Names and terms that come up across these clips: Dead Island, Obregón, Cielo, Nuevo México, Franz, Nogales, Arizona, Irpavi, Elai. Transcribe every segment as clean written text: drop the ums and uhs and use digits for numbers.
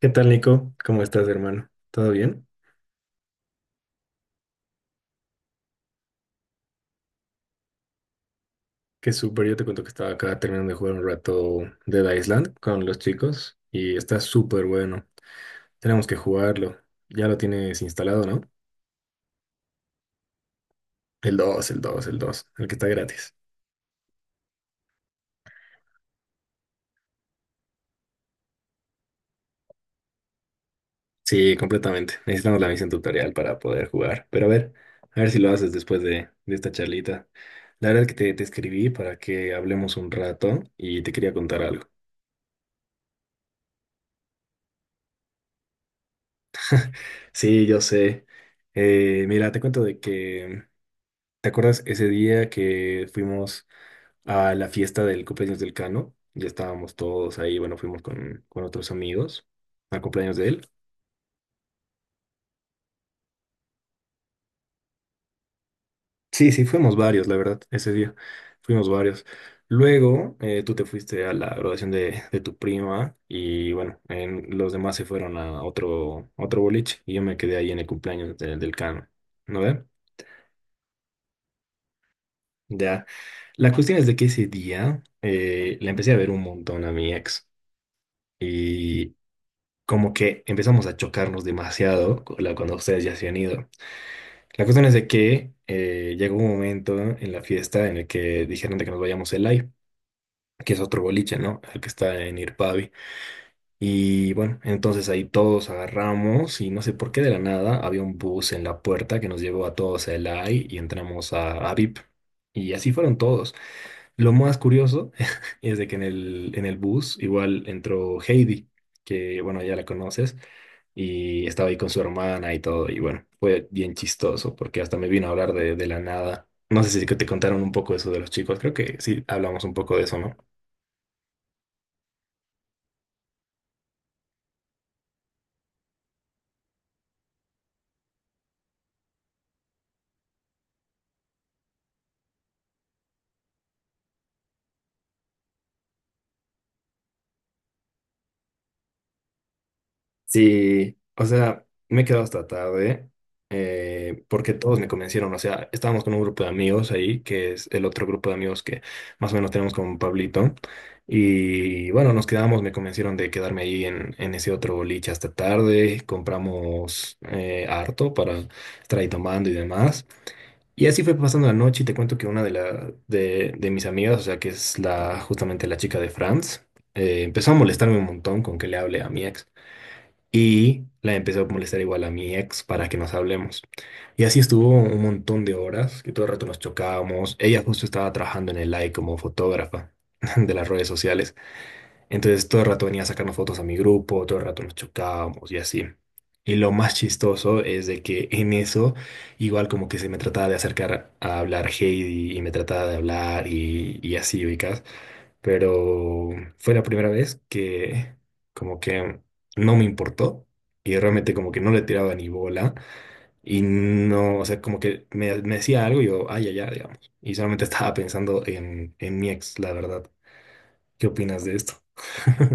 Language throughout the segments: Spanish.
¿Qué tal, Nico? ¿Cómo estás, hermano? ¿Todo bien? Qué súper, yo te cuento que estaba acá terminando de jugar un rato Dead Island con los chicos y está súper bueno. Tenemos que jugarlo. Ya lo tienes instalado, ¿no? El 2, el 2, el 2. El que está gratis. Sí, completamente. Necesitamos la misión tutorial para poder jugar. Pero a ver si lo haces después de esta charlita. La verdad es que te escribí para que hablemos un rato y te quería contar algo. Sí, yo sé. Mira, te cuento de que ¿te acuerdas ese día que fuimos a la fiesta del cumpleaños del Cano? Ya estábamos todos ahí, bueno, fuimos con otros amigos al cumpleaños de él. Sí, sí, fuimos varios, la verdad, ese día. Fuimos varios. Luego, tú te fuiste a la graduación de tu prima y bueno, los demás se fueron a otro boliche y yo me quedé ahí en el cumpleaños del Cano, ¿no ve? Ya. La cuestión es de que ese día le empecé a ver un montón a mi ex. Y como que empezamos a chocarnos demasiado cuando ustedes ya se han ido. La cuestión es de que llegó un momento en la fiesta en el que dijeron de que nos vayamos el live, que es otro boliche, ¿no? El que está en Irpavi. Y bueno, entonces ahí todos agarramos y no sé por qué de la nada había un bus en la puerta que nos llevó a todos a Elai y entramos a VIP. Y así fueron todos. Lo más curioso es de que en el bus igual entró Heidi, que bueno, ya la conoces, y estaba ahí con su hermana y todo. Y bueno, fue bien chistoso porque hasta me vino a hablar de la nada. No sé si que te contaron un poco eso de los chicos, creo que sí hablamos un poco de eso, ¿no? Sí, o sea, me he quedado hasta tarde porque todos me convencieron. O sea, estábamos con un grupo de amigos ahí, que es el otro grupo de amigos que más o menos tenemos con Pablito. Y bueno, nos quedamos, me convencieron de quedarme ahí en ese otro boliche hasta tarde. Compramos harto para estar ahí tomando y demás. Y así fue pasando la noche y te cuento que una de, la, de mis amigas, o sea, que es la, justamente la chica de Franz, empezó a molestarme un montón con que le hable a mi ex. Y la empecé a molestar igual a mi ex para que nos hablemos. Y así estuvo un montón de horas, que todo el rato nos chocábamos. Ella justo estaba trabajando en el like como fotógrafa de las redes sociales. Entonces todo el rato venía a sacarnos fotos a mi grupo, todo el rato nos chocábamos y así. Y lo más chistoso es de que en eso, igual como que se me trataba de acercar a hablar Heidi y me trataba de hablar y así, ubicas. Pero fue la primera vez que como que no me importó y realmente como que no le tiraba ni bola y no, o sea, como que me decía algo y yo, ay, ay, ay, digamos. Y solamente estaba pensando en mi ex, la verdad. ¿Qué opinas de esto?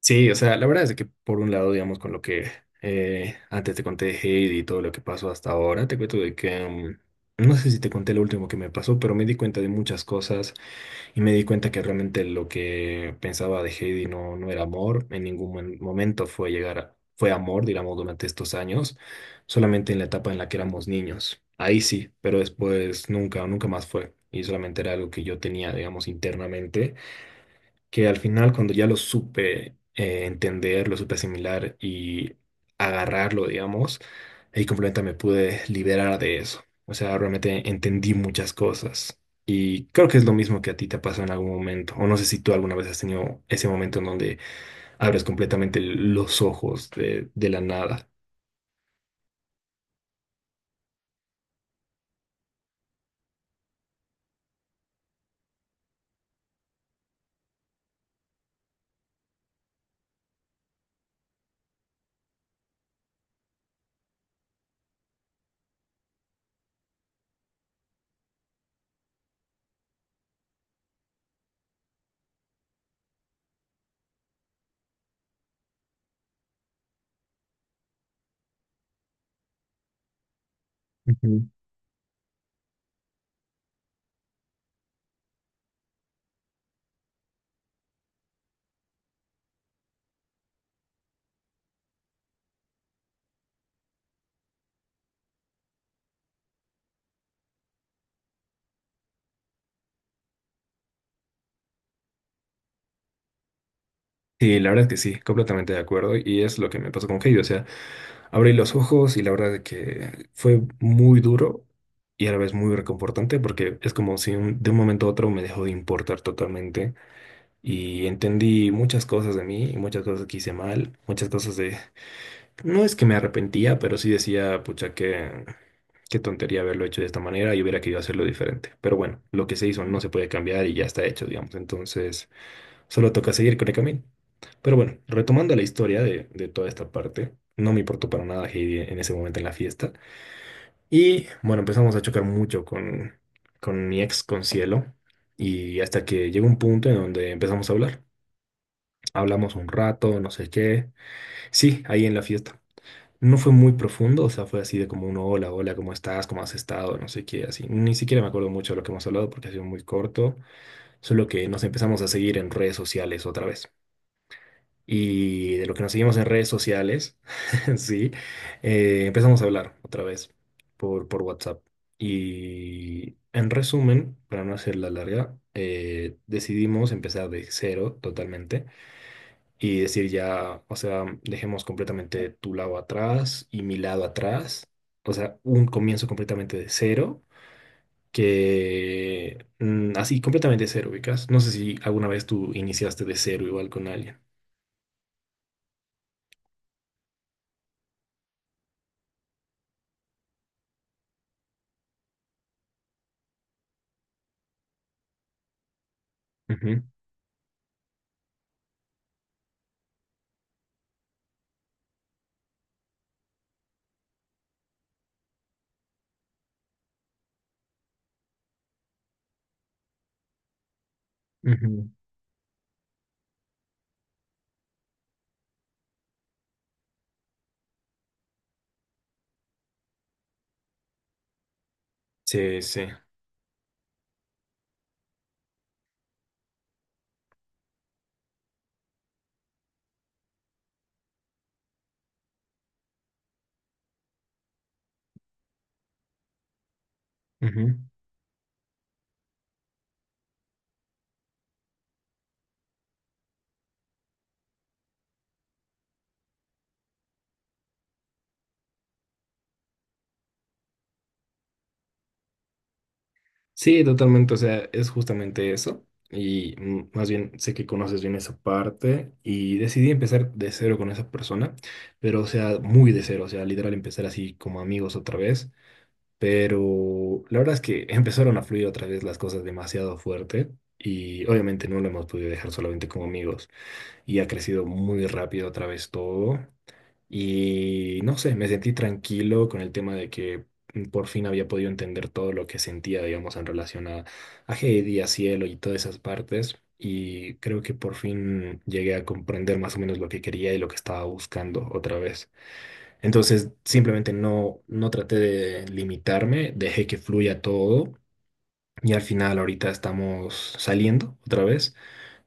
Sí, o sea, la verdad es que por un lado, digamos, con lo que antes te conté de Heidi y todo lo que pasó hasta ahora, te cuento de que, no sé si te conté lo último que me pasó, pero me di cuenta de muchas cosas y me di cuenta que realmente lo que pensaba de Heidi no, no era amor, en ningún momento fue fue amor, digamos, durante estos años, solamente en la etapa en la que éramos niños. Ahí sí, pero después nunca, nunca más fue. Y solamente era algo que yo tenía, digamos, internamente que al final cuando ya lo supe entender, lo supe asimilar y agarrarlo, digamos, ahí completamente me pude liberar de eso. O sea, realmente entendí muchas cosas y creo que es lo mismo que a ti te pasó en algún momento. O no sé si tú alguna vez has tenido ese momento en donde abres completamente los ojos de la nada. Ujú. Sí, la verdad es que sí, completamente de acuerdo y es lo que me pasó con Heidi. O sea, abrí los ojos y la verdad es que fue muy duro y a la vez muy reconfortante porque es como si de un momento a otro me dejó de importar totalmente y entendí muchas cosas de mí, y muchas cosas que hice mal, muchas cosas de... No es que me arrepentía, pero sí decía, pucha, qué, qué tontería haberlo hecho de esta manera y hubiera querido hacerlo diferente. Pero bueno, lo que se hizo no se puede cambiar y ya está hecho, digamos. Entonces... Solo toca seguir con el camino. Pero bueno, retomando la historia de toda esta parte, no me importó para nada Heidi en ese momento en la fiesta. Y bueno, empezamos a chocar mucho con mi ex, con Cielo. Y hasta que llegó un punto en donde empezamos a hablar. Hablamos un rato, no sé qué. Sí, ahí en la fiesta. No fue muy profundo, o sea, fue así de como un hola, hola, ¿cómo estás? ¿Cómo has estado? No sé qué, así. Ni siquiera me acuerdo mucho de lo que hemos hablado porque ha sido muy corto. Solo que nos empezamos a seguir en redes sociales otra vez. Y de lo que nos seguimos en redes sociales, sí, empezamos a hablar otra vez por WhatsApp. Y en resumen, para no hacerla larga, decidimos empezar de cero totalmente y decir ya, o sea, dejemos completamente tu lado atrás y mi lado atrás, o sea, un comienzo completamente de cero. Que así completamente de cero, ubicas. No sé si alguna vez tú iniciaste de cero igual con alguien. Ujú, ujú. Sí, sí. Ujú. Sí, totalmente. O sea, es justamente eso. Y más bien sé que conoces bien esa parte y decidí empezar de cero con esa persona, pero o sea, muy de cero, o sea, literal empezar así como amigos otra vez. Pero la verdad es que empezaron a fluir otra vez las cosas demasiado fuerte y obviamente no lo hemos podido dejar solamente como amigos y ha crecido muy rápido otra vez todo. Y no sé, me sentí tranquilo con el tema de que por fin había podido entender todo lo que sentía, digamos, en relación a Heidi, a Cielo y todas esas partes. Y creo que por fin llegué a comprender más o menos lo que quería y lo que estaba buscando otra vez. Entonces, simplemente no, no traté de limitarme, dejé que fluya todo. Y al final ahorita estamos saliendo otra vez.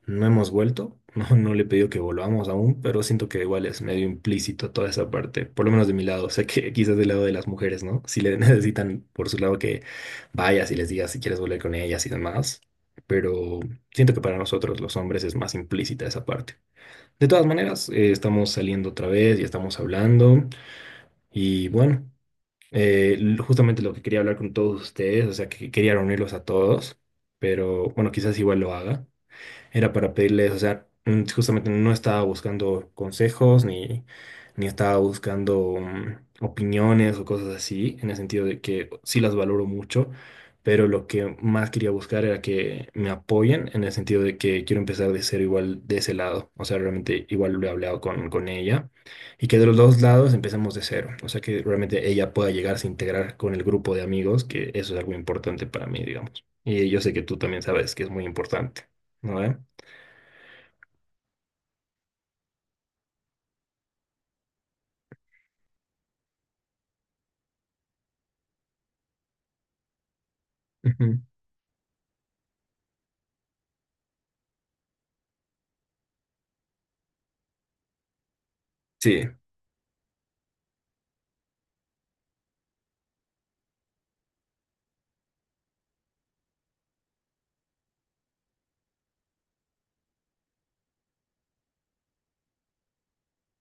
No hemos vuelto, no, no le he pedido que volvamos aún, pero siento que igual es medio implícito toda esa parte, por lo menos de mi lado, sé que quizás del lado de las mujeres, ¿no? Si le necesitan por su lado que vayas y les digas si quieres volver con ellas y demás, pero siento que para nosotros los hombres es más implícita esa parte. De todas maneras, estamos saliendo otra vez y estamos hablando y bueno, justamente lo que quería hablar con todos ustedes, o sea, que quería reunirlos a todos, pero bueno, quizás igual lo haga, era para pedirles, o sea, justamente no estaba buscando consejos ni estaba buscando opiniones o cosas así, en el sentido de que sí las valoro mucho, pero lo que más quería buscar era que me apoyen, en el sentido de que quiero empezar de cero igual de ese lado, o sea, realmente igual lo he hablado con ella, y que de los dos lados empecemos de cero, o sea, que realmente ella pueda llegarse a integrar con el grupo de amigos, que eso es algo importante para mí, digamos. Y yo sé que tú también sabes que es muy importante, ¿no? Ujú, sí,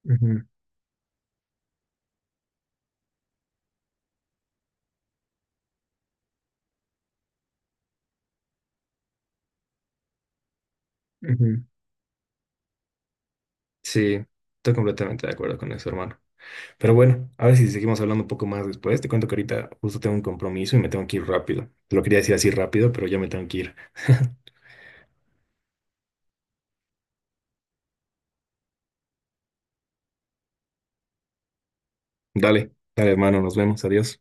ujú, ujú, sí, estoy completamente de acuerdo con eso, hermano. Pero bueno, a ver si seguimos hablando un poco más después. Te cuento que ahorita justo tengo un compromiso y me tengo que ir rápido. Te lo quería decir así rápido, pero ya me tengo que ir. Dale, dale, hermano, nos vemos, adiós.